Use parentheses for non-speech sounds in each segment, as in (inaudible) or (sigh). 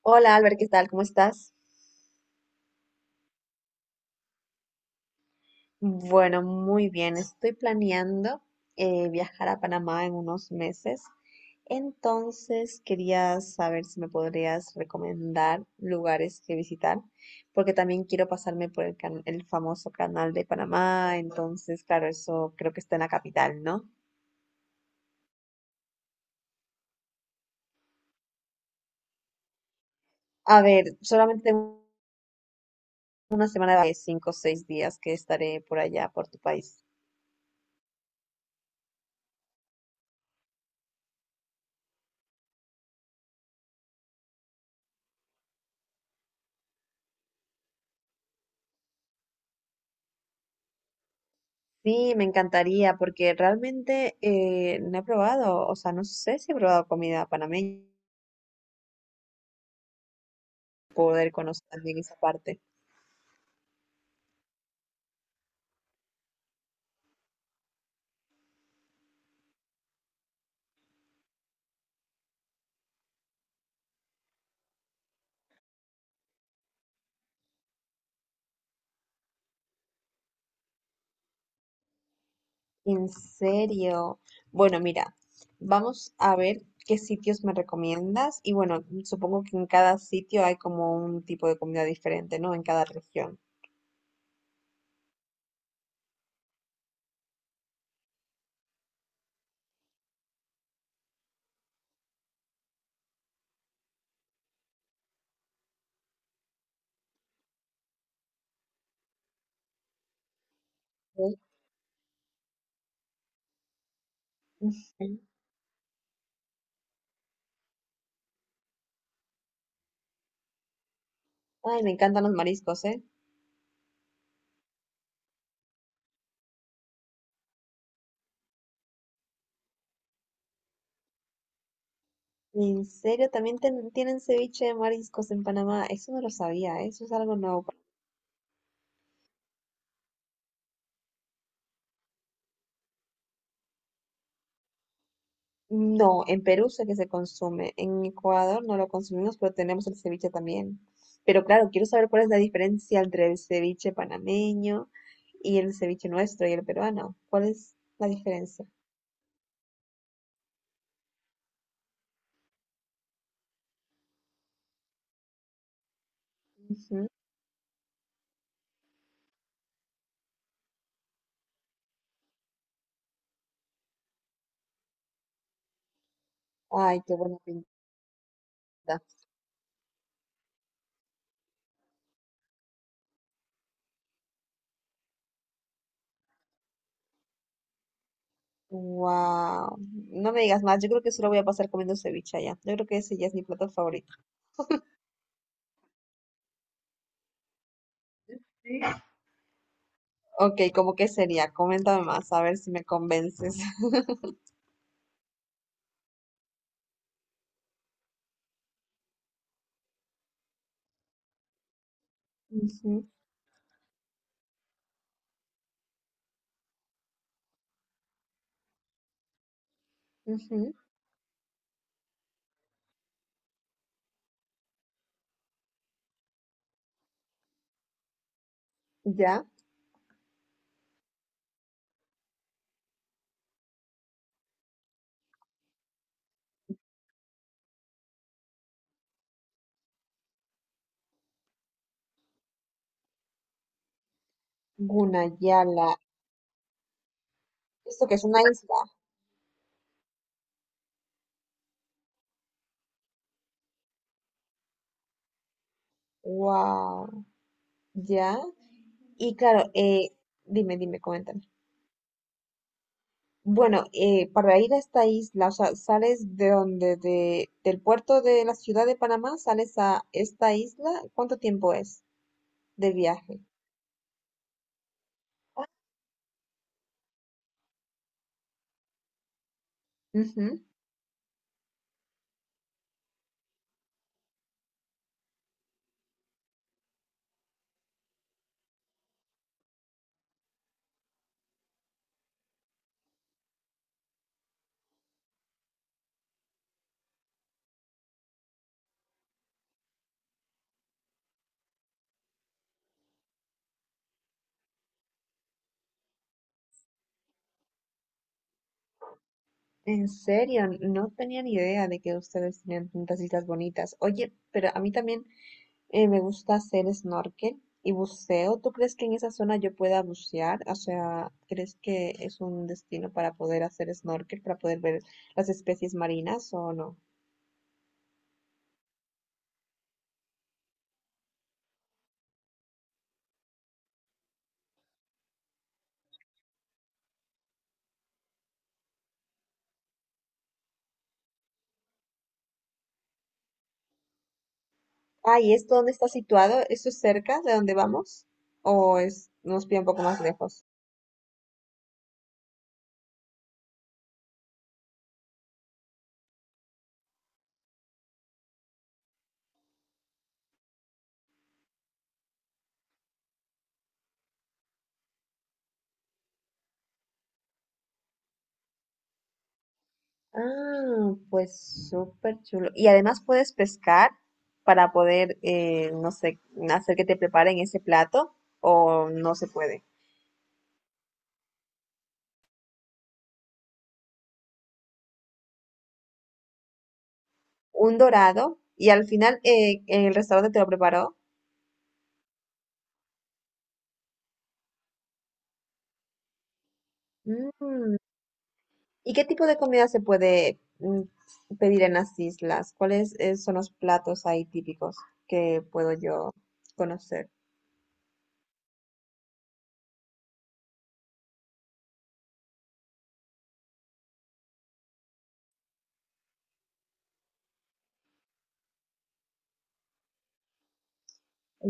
Hola Albert, ¿qué tal? ¿Cómo estás? Bueno, muy bien. Estoy planeando viajar a Panamá en unos meses. Entonces, quería saber si me podrías recomendar lugares que visitar, porque también quiero pasarme por el famoso canal de Panamá. Entonces, claro, eso creo que está en la capital, ¿no? A ver, solamente tengo una semana de 5 o 6 días que estaré por allá, por tu país. Sí, me encantaría porque realmente no he probado, o sea, no sé si he probado comida panameña, poder conocer también esa parte. En serio. Bueno, mira, vamos a ver qué sitios me recomiendas y bueno, supongo que en cada sitio hay como un tipo de comida diferente, ¿no? En cada región. Ok. Ujú. Ay, me encantan los mariscos, ¿eh? En serio, también tienen ceviche de mariscos en Panamá. Eso no lo sabía, ¿eh? Eso es algo nuevo. No, en Perú sé que se consume, en Ecuador no lo consumimos, pero tenemos el ceviche también. Pero claro, quiero saber cuál es la diferencia entre el ceviche panameño y el ceviche nuestro y el peruano. ¿Cuál es la diferencia? Ujú. Ay, qué buena pinta. Wow. No me digas más, yo creo que solo voy a pasar comiendo ceviche allá. Yo creo que ese ya es mi plato favorito. Ok, ¿cómo que sería? Coméntame más, a ver si me convences. (laughs) Ujú, ujú. Ya, Gunayala. ¿Esto que es una isla? Wow, ya. Y claro, dime, dime, coméntame. Bueno, para ir a esta isla, o sea, sales de donde, de, del puerto de la ciudad de Panamá, sales a esta isla, ¿cuánto tiempo es de viaje? Ujú. En serio, no tenía ni idea de que ustedes tenían tantas islas bonitas. Oye, pero a mí también me gusta hacer snorkel y buceo. ¿Tú crees que en esa zona yo pueda bucear? O sea, ¿crees que es un destino para poder hacer snorkel, para poder ver las especies marinas o no? Ah, ¿y esto dónde está situado? ¿Esto es cerca de donde vamos? ¿O es, nos pide un poco más lejos? Ah, pues súper chulo. Y además puedes pescar para poder, no sé, hacer que te preparen ese plato o no se puede. Un dorado y al final el restaurante te lo preparó. Mm, ¿Y qué tipo de comida se puede pedir en las islas? ¿Cuáles son los platos ahí típicos que puedo yo conocer?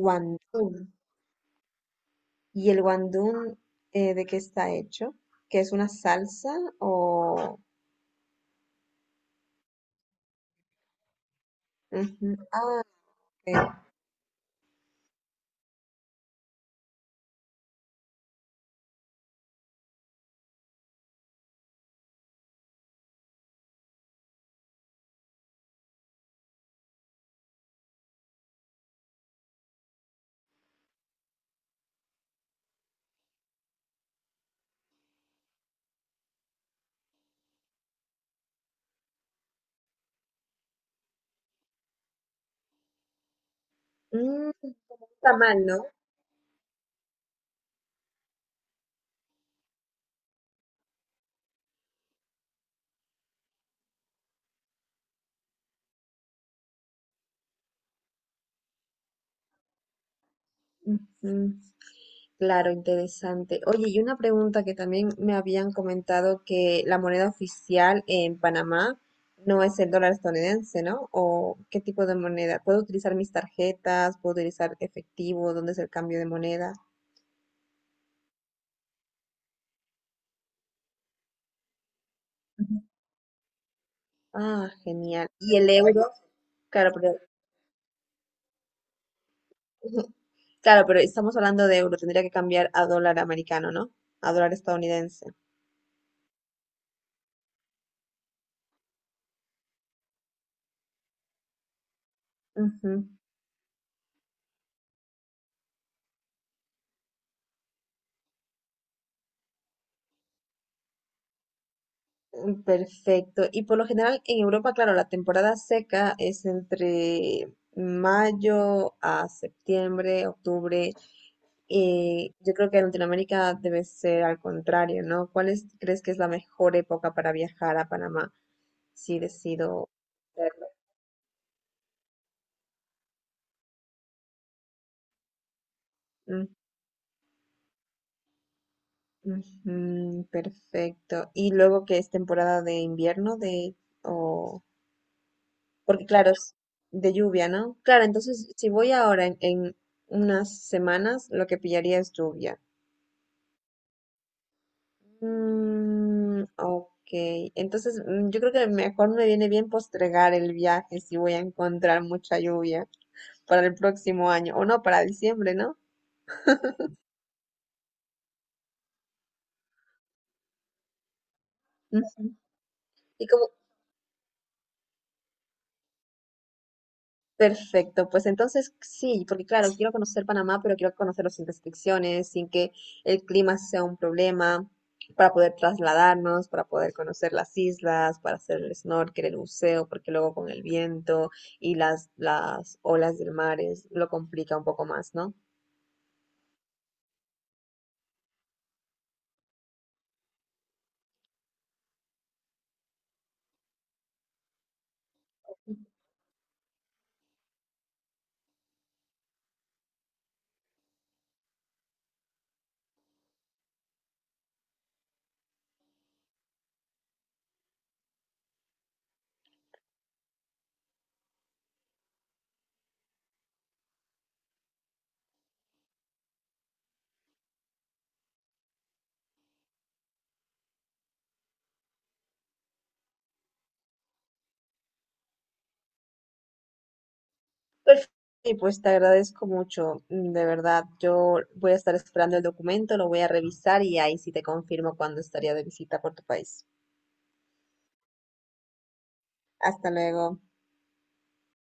Guandún. ¿Y el guandún de qué está hecho? ¿Que es una salsa o...? Ujú. Ah, ok. Mm, está mal, ¿no? Ujú. Claro, interesante. Oye, y una pregunta que también me habían comentado que la moneda oficial en Panamá no es el dólar estadounidense, ¿no? ¿O qué tipo de moneda? ¿Puedo utilizar mis tarjetas? ¿Puedo utilizar efectivo? ¿Dónde es el cambio de moneda? Ujú. Ah, genial. ¿Y el euro? Claro, pero (laughs) claro, pero estamos hablando de euro, tendría que cambiar a dólar americano, ¿no? A dólar estadounidense. Ujú. Mm, perfecto. Y por lo general en Europa, claro, la temporada seca es entre mayo a septiembre, octubre. Y yo creo que en Latinoamérica debe ser al contrario, ¿no? ¿Cuál crees que es la mejor época para viajar a Panamá si decido hacerlo? Mm, ujú, perfecto. Y luego que es temporada de invierno de o porque claro, es de lluvia, ¿no? Claro, entonces si voy ahora en unas semanas, lo que pillaría es lluvia. Mm, ok, entonces yo creo que mejor me viene bien postergar el viaje si voy a encontrar mucha lluvia para el próximo año, o no, para diciembre, ¿no? Ujú. Y como, perfecto, pues entonces sí, porque claro, quiero conocer Panamá, pero quiero conocerlo sin restricciones, sin que el clima sea un problema, para poder trasladarnos, para poder conocer las islas, para hacer el snorkel, el buceo, porque luego con el viento y las olas del mar lo complica un poco más, ¿no? Perfecto. Y pues te agradezco mucho, de verdad. Yo voy a estar esperando el documento, lo voy a revisar y ahí sí te confirmo cuándo estaría de visita por tu país. Hasta luego.